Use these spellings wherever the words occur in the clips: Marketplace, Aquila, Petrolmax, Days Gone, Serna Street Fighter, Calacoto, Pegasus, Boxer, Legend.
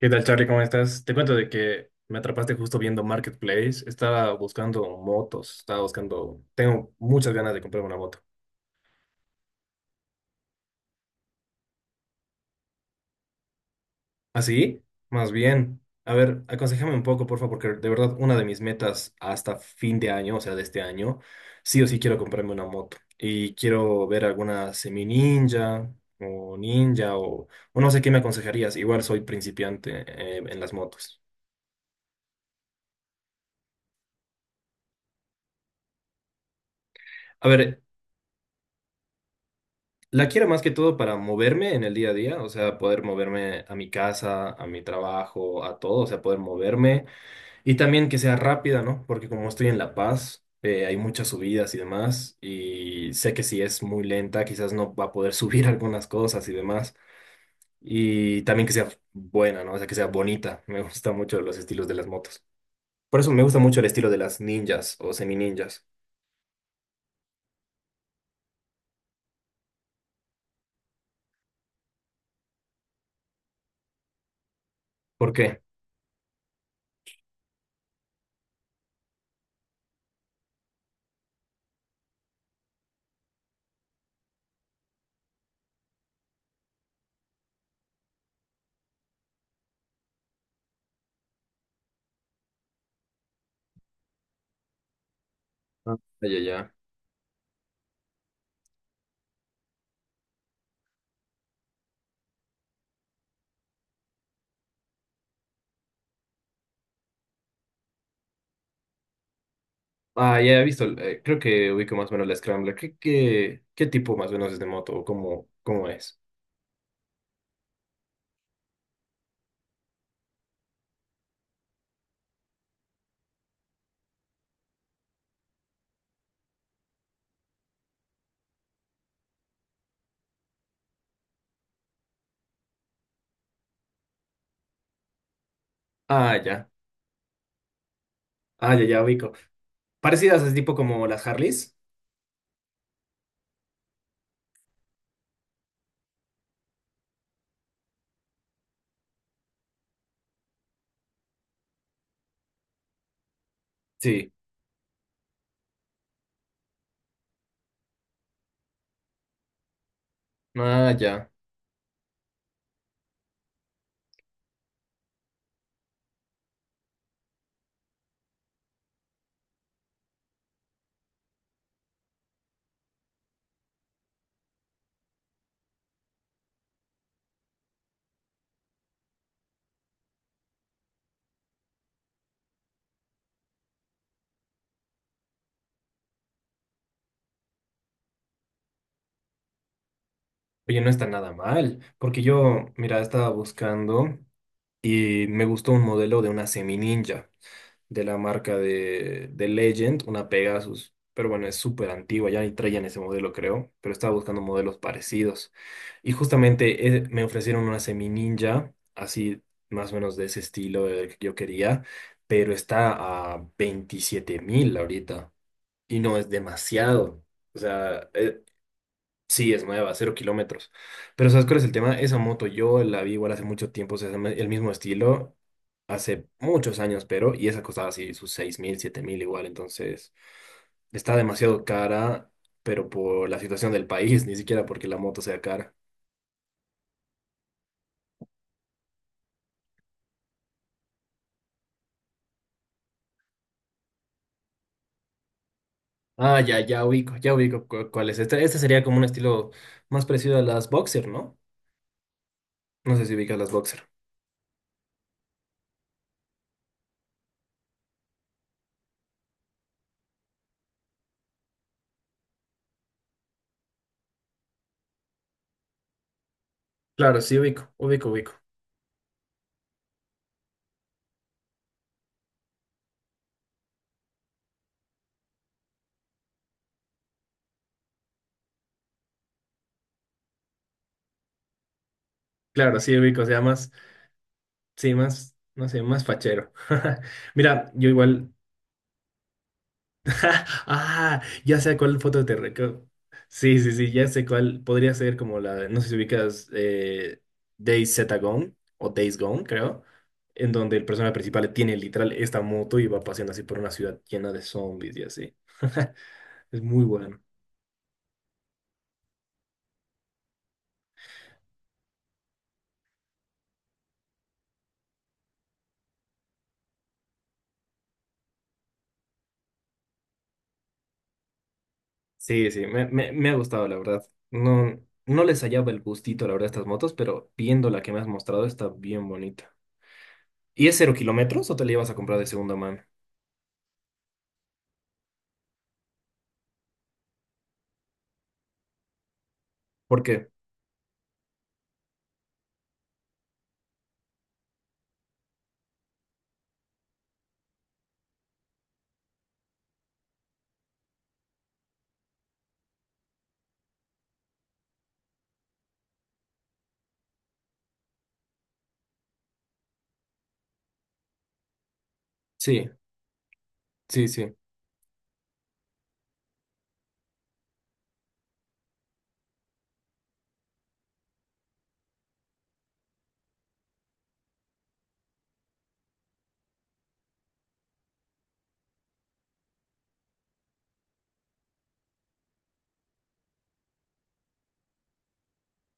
¿Qué tal, Charlie? ¿Cómo estás? Te cuento de que me atrapaste justo viendo Marketplace. Estaba buscando motos, estaba buscando... Tengo muchas ganas de comprarme una moto. ¿Así? Más bien. A ver, aconsejame un poco, por favor, porque de verdad una de mis metas hasta fin de año, o sea, de este año, sí o sí quiero comprarme una moto. Y quiero ver alguna semi ninja o ninja o no sé qué me aconsejarías. Igual soy principiante en las motos. A ver, La quiero más que todo para moverme en el día a día, o sea, poder moverme a mi casa, a mi trabajo, a todo, o sea, poder moverme y también que sea rápida, ¿no? Porque como estoy en La Paz, hay muchas subidas y demás, y sé que si es muy lenta, quizás no va a poder subir algunas cosas y demás, y también que sea buena, ¿no? O sea, que sea bonita. Me gusta mucho los estilos de las motos. Por eso me gusta mucho el estilo de las ninjas o semi ninjas. ¿Por qué? Ah, ya, ya, ya. Ah, ya he visto, creo que ubico más o menos la Scrambler. ¿ qué tipo más o menos es de moto o cómo, cómo es? Ah, ya. Ah, ya, ya ubico. Parecidas es tipo como las Harleys. Sí. Ah, ya. Oye, no está nada mal, porque yo, mira, estaba buscando y me gustó un modelo de una semi ninja. De la marca de Legend, una Pegasus. Pero bueno, es súper antigua, ya ni traían ese modelo, creo. Pero estaba buscando modelos parecidos. Y justamente me ofrecieron una Semi Ninja, así más o menos de ese estilo que yo quería. Pero está a 27.000 ahorita. Y no es demasiado. O sea, Sí, es nueva, cero kilómetros. Pero ¿sabes cuál es el tema? Esa moto yo la vi igual hace mucho tiempo, o sea, es el mismo estilo, hace muchos años, pero, y esa costaba así sus 6.000, 7.000 igual, entonces está demasiado cara, pero por la situación del país, ni siquiera porque la moto sea cara. Ah, ya, ya ubico cu- cuál es. Este sería como un estilo más parecido a las Boxer, ¿no? No sé si ubicas las Boxer. Claro, sí ubico, ubico, ubico. Claro, sí ubico, o sea, más, sí, más, no sé, más fachero. Mira, yo igual. Ah, ya sé a cuál foto te recuerdo. Sí, sí, sí, ya sé cuál. Podría ser como la, no sé si ubicas Days Z Gone o Days Gone, creo, en donde el personaje principal tiene literal esta moto y va paseando así por una ciudad llena de zombies y así. Es muy bueno. Sí, sí, me ha gustado, la verdad. No, no les hallaba el gustito, la verdad, a estas motos, pero viendo la que me has mostrado está bien bonita. ¿Y es cero kilómetros o te la ibas a comprar de segunda mano? Porque sí, sí, sí,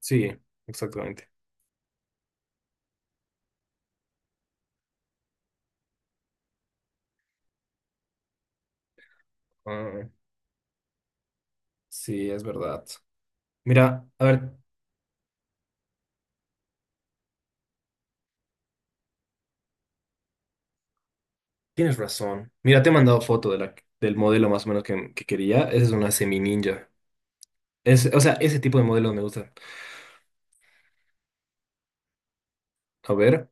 sí, exactamente. Ah, sí, es verdad. Mira, a ver, tienes razón. Mira, te he mandado foto de la, del modelo más o menos que quería. Esa es una semi ninja. Es, o sea, ese tipo de modelos me gustan. A ver,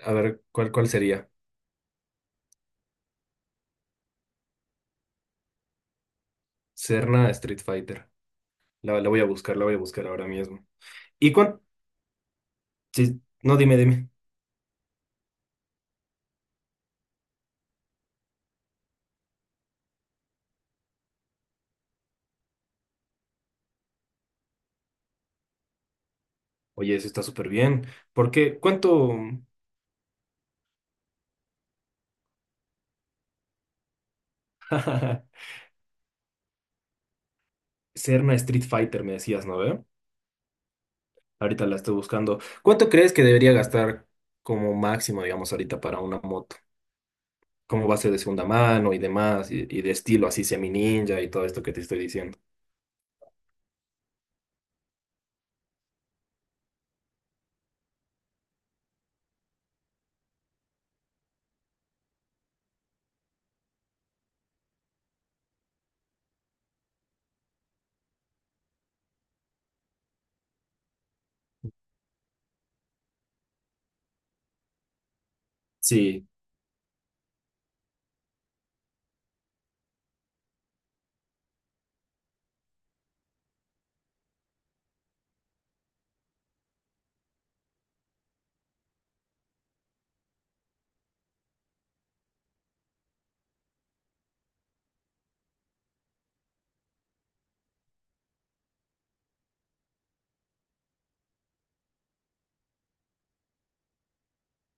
a ver, ¿ cuál sería? Serna Street Fighter. La voy a buscar, la voy a buscar ahora mismo. ¿Y cuánto? No, dime, dime. Oye, eso está súper bien. ¿Por qué? ¿Cuánto? Serna Street Fighter, me decías, ¿no ve? Ahorita la estoy buscando. ¿Cuánto crees que debería gastar como máximo, digamos, ahorita para una moto? ¿Cómo va a ser de segunda mano y demás? Y de estilo así semi-ninja y todo esto que te estoy diciendo. Sí,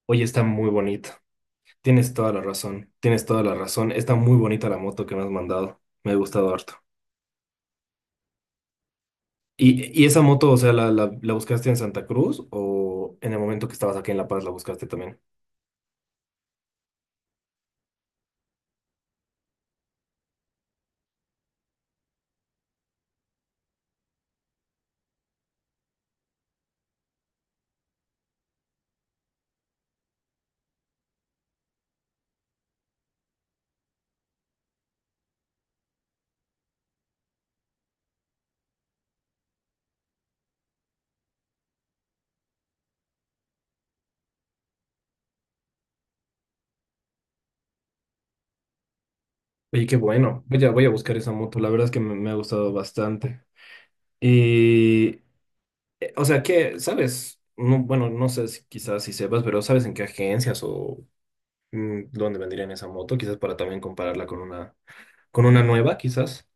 oye, está muy bonita. Tienes toda la razón, tienes toda la razón. Está muy bonita la moto que me has mandado. Me ha gustado harto. Y, y esa moto, o sea, la buscaste en Santa Cruz o en el momento que estabas aquí en La Paz la buscaste también? Oye, qué bueno. Voy a, voy a buscar esa moto. La verdad es que me me ha gustado bastante. Y, o sea, que, ¿sabes? No, bueno, no sé si quizás si sepas, pero ¿sabes en qué agencias o dónde vendrían esa moto? Quizás para también compararla con una nueva, quizás.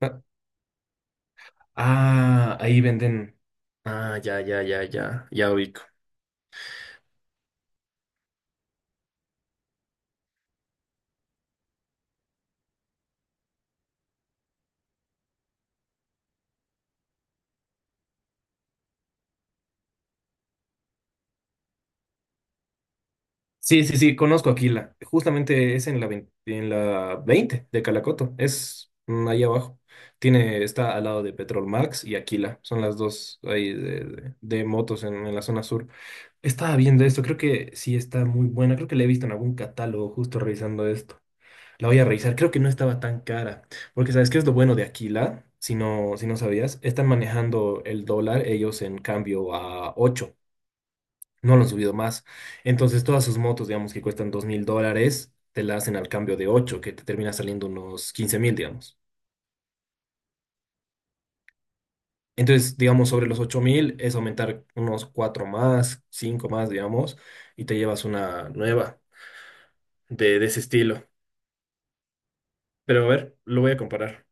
Ah, ah, ahí venden. Ah, ya, ya, ya, ya, ya ubico. Sí, sí, sí, conozco Aquila. Justamente es en la 20 en la 20 de Calacoto. Es ahí abajo. Tiene, está al lado de Petrolmax y Aquila. Son las dos ahí de, de motos en la zona sur. Estaba viendo esto, creo que sí está muy buena. Creo que la he visto en algún catálogo justo revisando esto. La voy a revisar. Creo que no estaba tan cara. Porque ¿sabes qué es lo bueno de Aquila? Si no, si no sabías, están manejando el dólar ellos en cambio a 8 no lo han subido más. Entonces, todas sus motos, digamos, que cuestan $2.000, te la hacen al cambio de 8 que te termina saliendo unos 15.000, digamos. Entonces, digamos, sobre los 8.000 es aumentar unos 4 más, 5 más, digamos, y te llevas una nueva de ese estilo. Pero a ver, lo voy a comparar.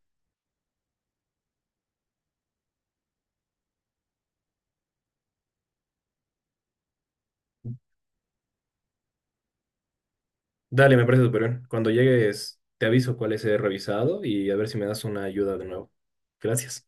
Dale, me parece súper bien. Cuando llegues, te aviso cuáles he revisado y a ver si me das una ayuda de nuevo. Gracias.